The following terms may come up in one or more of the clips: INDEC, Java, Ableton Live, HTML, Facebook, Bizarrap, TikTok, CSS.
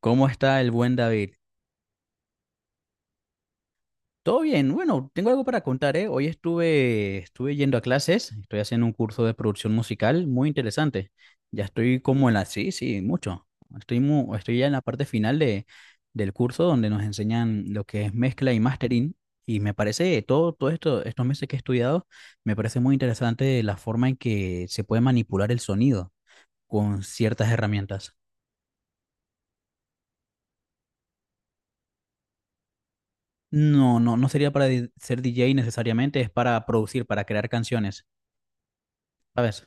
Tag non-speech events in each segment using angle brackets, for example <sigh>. ¿Cómo está el buen David? Todo bien. Bueno, tengo algo para contar, ¿eh? Hoy estuve yendo a clases, estoy haciendo un curso de producción musical muy interesante. Ya estoy como en la... Sí, sí, mucho. Estoy, estoy ya en la parte final del curso donde nos enseñan lo que es mezcla y mastering. Y me parece, todo esto, estos meses que he estudiado, me parece muy interesante la forma en que se puede manipular el sonido con ciertas herramientas. No, no, no sería para ser DJ necesariamente, es para producir, para crear canciones, ¿sabes?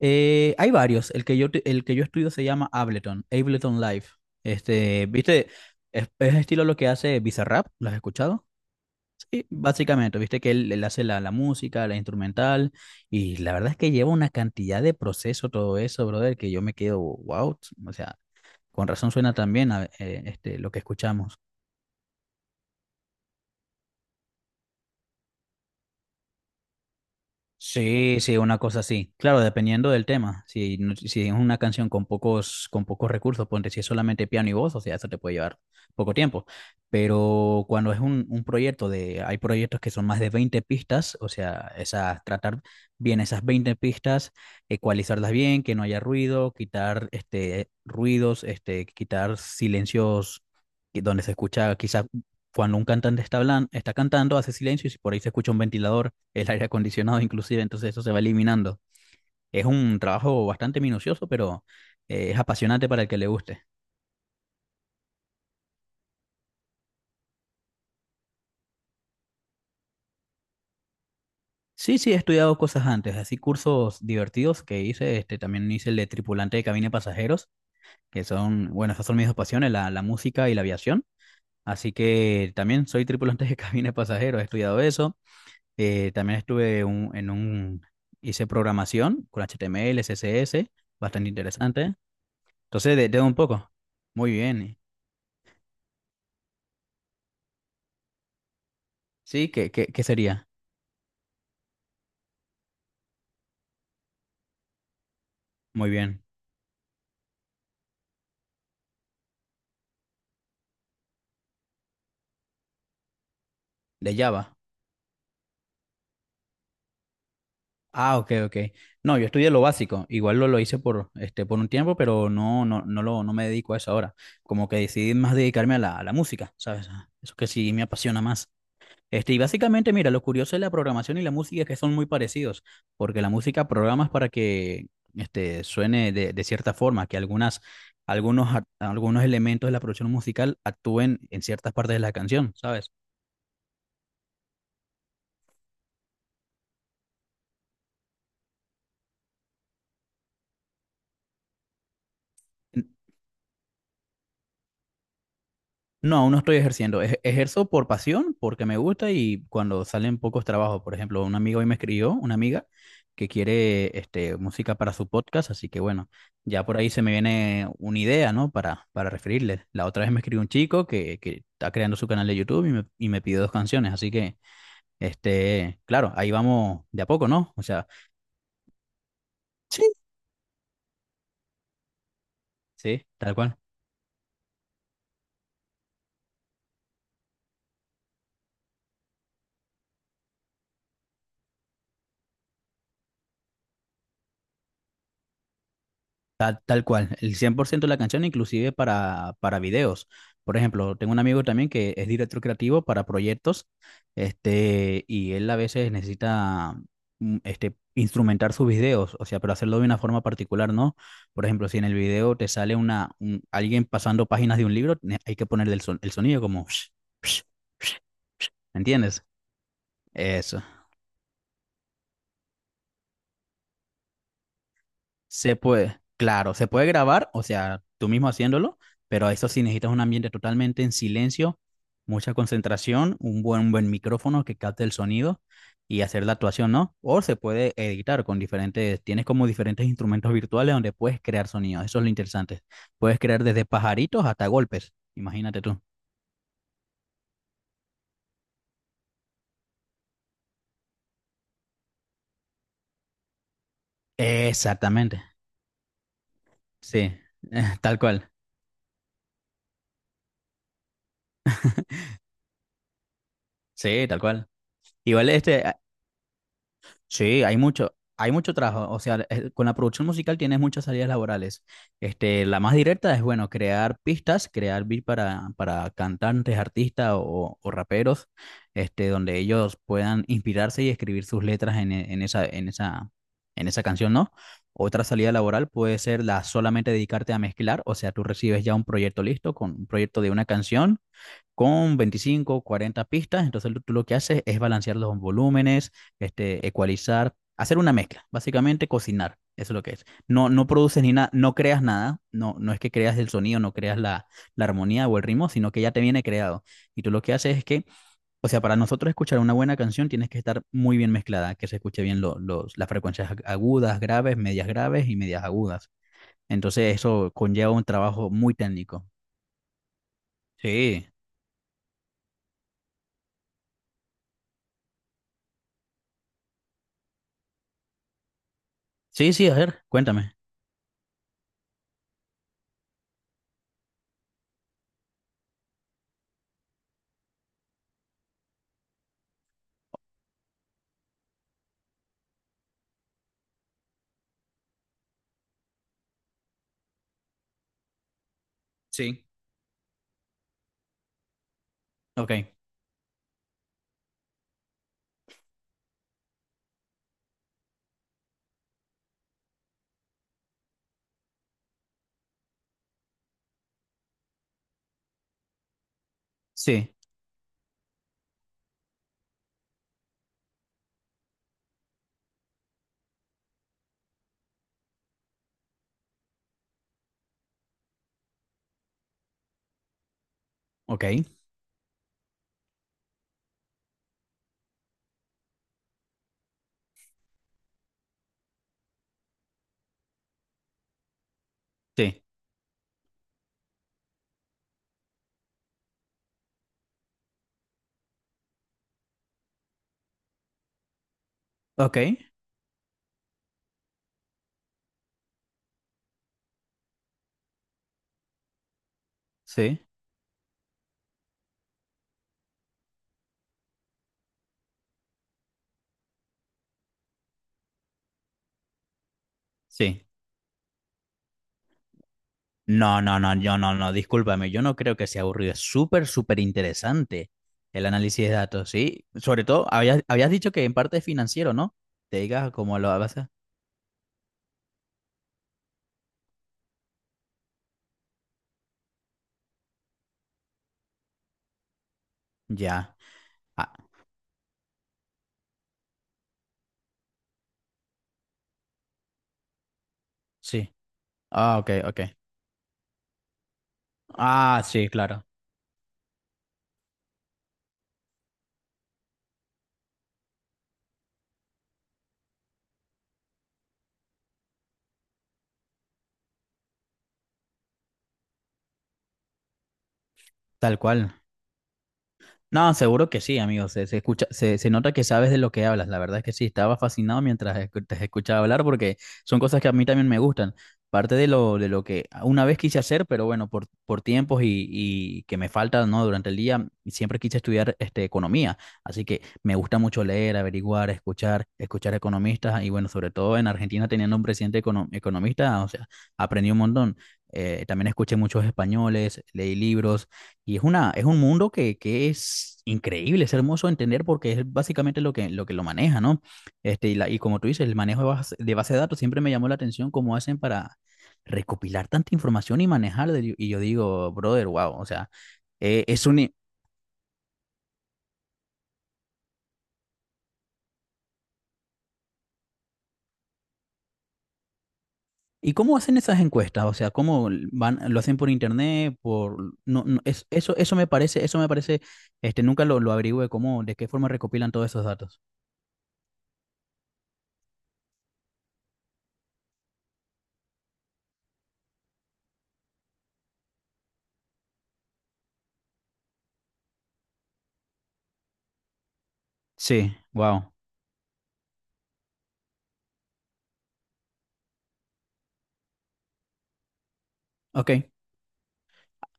Hay varios. El que el que yo estudio se llama Ableton, Ableton Live. Este, ¿viste? Es estilo lo que hace Bizarrap, ¿lo has escuchado? Sí, básicamente, viste que él hace la música, la instrumental, y la verdad es que lleva una cantidad de proceso todo eso, brother, que yo me quedo, wow, o sea, con razón suena tan bien lo que escuchamos. Sí, sí, una cosa así. Claro, dependiendo del tema. Si, si es una canción con con pocos recursos, ponte si es solamente piano y voz, o sea, eso te puede llevar poco tiempo. Pero cuando es un proyecto hay proyectos que son más de 20 pistas, o sea, esas, tratar bien esas 20 pistas, ecualizarlas bien, que no haya ruido, quitar este, ruidos, este, quitar silencios donde se escucha quizás cuando un cantante está cantando, hace silencio y si por ahí se escucha un ventilador, el aire acondicionado inclusive, entonces eso se va eliminando. Es un trabajo bastante minucioso, pero es apasionante para el que le guste. Sí, sí, he estudiado cosas antes, así cursos divertidos que hice, este, también hice el de tripulante de cabina de pasajeros, que son, bueno, esas son mis dos pasiones, la música y la aviación. Así que también soy tripulante de <laughs> cabina de pasajeros, he estudiado eso. También estuve hice programación con HTML, CSS, bastante interesante. Entonces, de un poco. Muy bien. Sí, qué sería? Muy bien. De Java. Ah, ok, ok. No, yo estudié lo básico. Igual lo hice por, este, por un tiempo, pero no, no, no, lo, no me dedico a eso ahora. Como que decidí más dedicarme a a la música, ¿sabes? Eso que sí me apasiona más. Este, y básicamente, mira, lo curioso de la programación y la música es que son muy parecidos, porque la música programas para que este, suene de cierta forma, que algunas, algunos elementos de la producción musical actúen en ciertas partes de la canción, ¿sabes? No, aún no estoy ejerciendo. Ejerzo por pasión, porque me gusta y cuando salen pocos trabajos. Por ejemplo, un amigo hoy me escribió, una amiga, que quiere este, música para su podcast, así que bueno, ya por ahí se me viene una idea, ¿no? Para referirle. La otra vez me escribió un chico que está creando su canal de YouTube y me pidió 2 canciones, así que, este, claro, ahí vamos de a poco, ¿no? O sea, sí, sí, tal cual. Tal cual, el 100% de la canción, inclusive para videos. Por ejemplo, tengo un amigo también que es director creativo para proyectos, este, y él a veces necesita mm, este, instrumentar sus videos, o sea, pero hacerlo de una forma particular, ¿no? Por ejemplo, si en el video te sale alguien pasando páginas de un libro, hay que ponerle el sonido como, <laughs> ¿me entiendes? Eso. Se puede, claro, se puede grabar, o sea, tú mismo haciéndolo, pero eso sí necesitas un ambiente totalmente en silencio, mucha concentración, un buen micrófono que capte el sonido y hacer la actuación, ¿no? O se puede editar con diferentes, tienes como diferentes instrumentos virtuales donde puedes crear sonidos, eso es lo interesante. Puedes crear desde pajaritos hasta golpes, imagínate tú. Exactamente, sí, <laughs> tal cual, sí, tal cual. Igual este, sí, hay mucho trabajo. O sea, con la producción musical tienes muchas salidas laborales. Este, la más directa es, bueno, crear pistas, crear beat para cantantes, artistas o raperos, este, donde ellos puedan inspirarse y escribir sus letras en en esa canción, ¿no? Otra salida laboral puede ser la solamente dedicarte a mezclar, o sea, tú recibes ya un proyecto listo, con un proyecto de una canción con 25, 40 pistas. Entonces tú lo que haces es balancear los volúmenes, este, ecualizar, hacer una mezcla, básicamente cocinar. Eso es lo que es. No, no produces ni nada, no creas nada, no, no es que creas el sonido, no creas la armonía o el ritmo, sino que ya te viene creado. Y tú lo que haces es que, o sea, para nosotros escuchar una buena canción tienes que estar muy bien mezclada, que se escuche bien las frecuencias agudas, graves, medias graves y medias agudas. Entonces eso conlleva un trabajo muy técnico. Sí, sí, sí, a ver, cuéntame. Sí. Ok, sí, ok, sí, ok, sí, sí. No, no, no, yo no, no, discúlpame, yo no creo que sea aburrido, es súper, súper interesante el análisis de datos, ¿sí? Sobre todo, habías dicho que en parte es financiero, ¿no? Te digas cómo lo vas a... Ya, ah, sí, ah, ok, ok. Ah, sí, claro, tal cual. No, seguro que sí, amigo. Se escucha, se nota que sabes de lo que hablas. La verdad es que sí, estaba fascinado mientras te escuchaba hablar porque son cosas que a mí también me gustan. Parte de de lo que una vez quise hacer, pero bueno, por tiempos y que me falta, ¿no? Durante el día, siempre quise estudiar este, economía. Así que me gusta mucho leer, averiguar, escuchar economistas. Y bueno, sobre todo en Argentina teniendo un presidente economista, o sea, aprendí un montón. También escuché muchos españoles, leí libros y es una, es un mundo que es increíble, es hermoso de entender porque es básicamente lo que que lo maneja, ¿no? Este, y, y como tú dices, el manejo de base, de base de datos siempre me llamó la atención cómo hacen para recopilar tanta información y manejarla. Y yo digo, brother, wow, o sea, es un... i- ¿Y cómo hacen esas encuestas? O sea, ¿cómo van, lo hacen por internet? Por, no, no, eso, eso me parece, este, nunca lo averigüé, cómo, de qué forma recopilan todos esos datos. Sí, wow. Ok.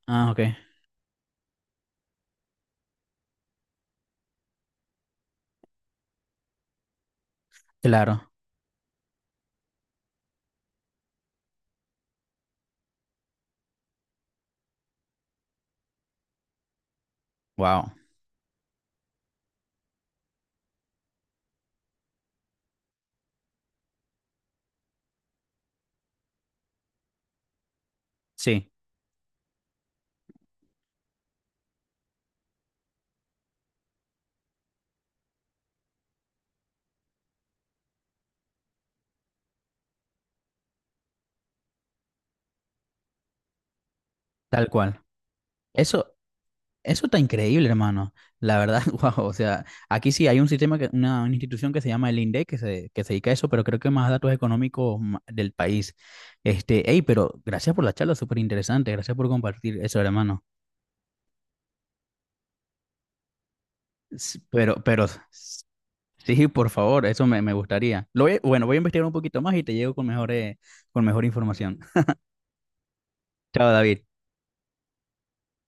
Ah, ok. Claro. Wow. Sí, tal cual. Eso, eso está increíble, hermano. La verdad, <laughs> wow. O sea, aquí sí hay un sistema, que, una institución que se llama el INDEC que se dedica a eso, pero creo que más datos económicos del país. Este, hey, pero gracias por la charla, súper interesante. Gracias por compartir eso, hermano. Pero, sí, por favor, me gustaría. Bueno, voy a investigar un poquito más y te llego con con mejor información. <laughs> Chao, David.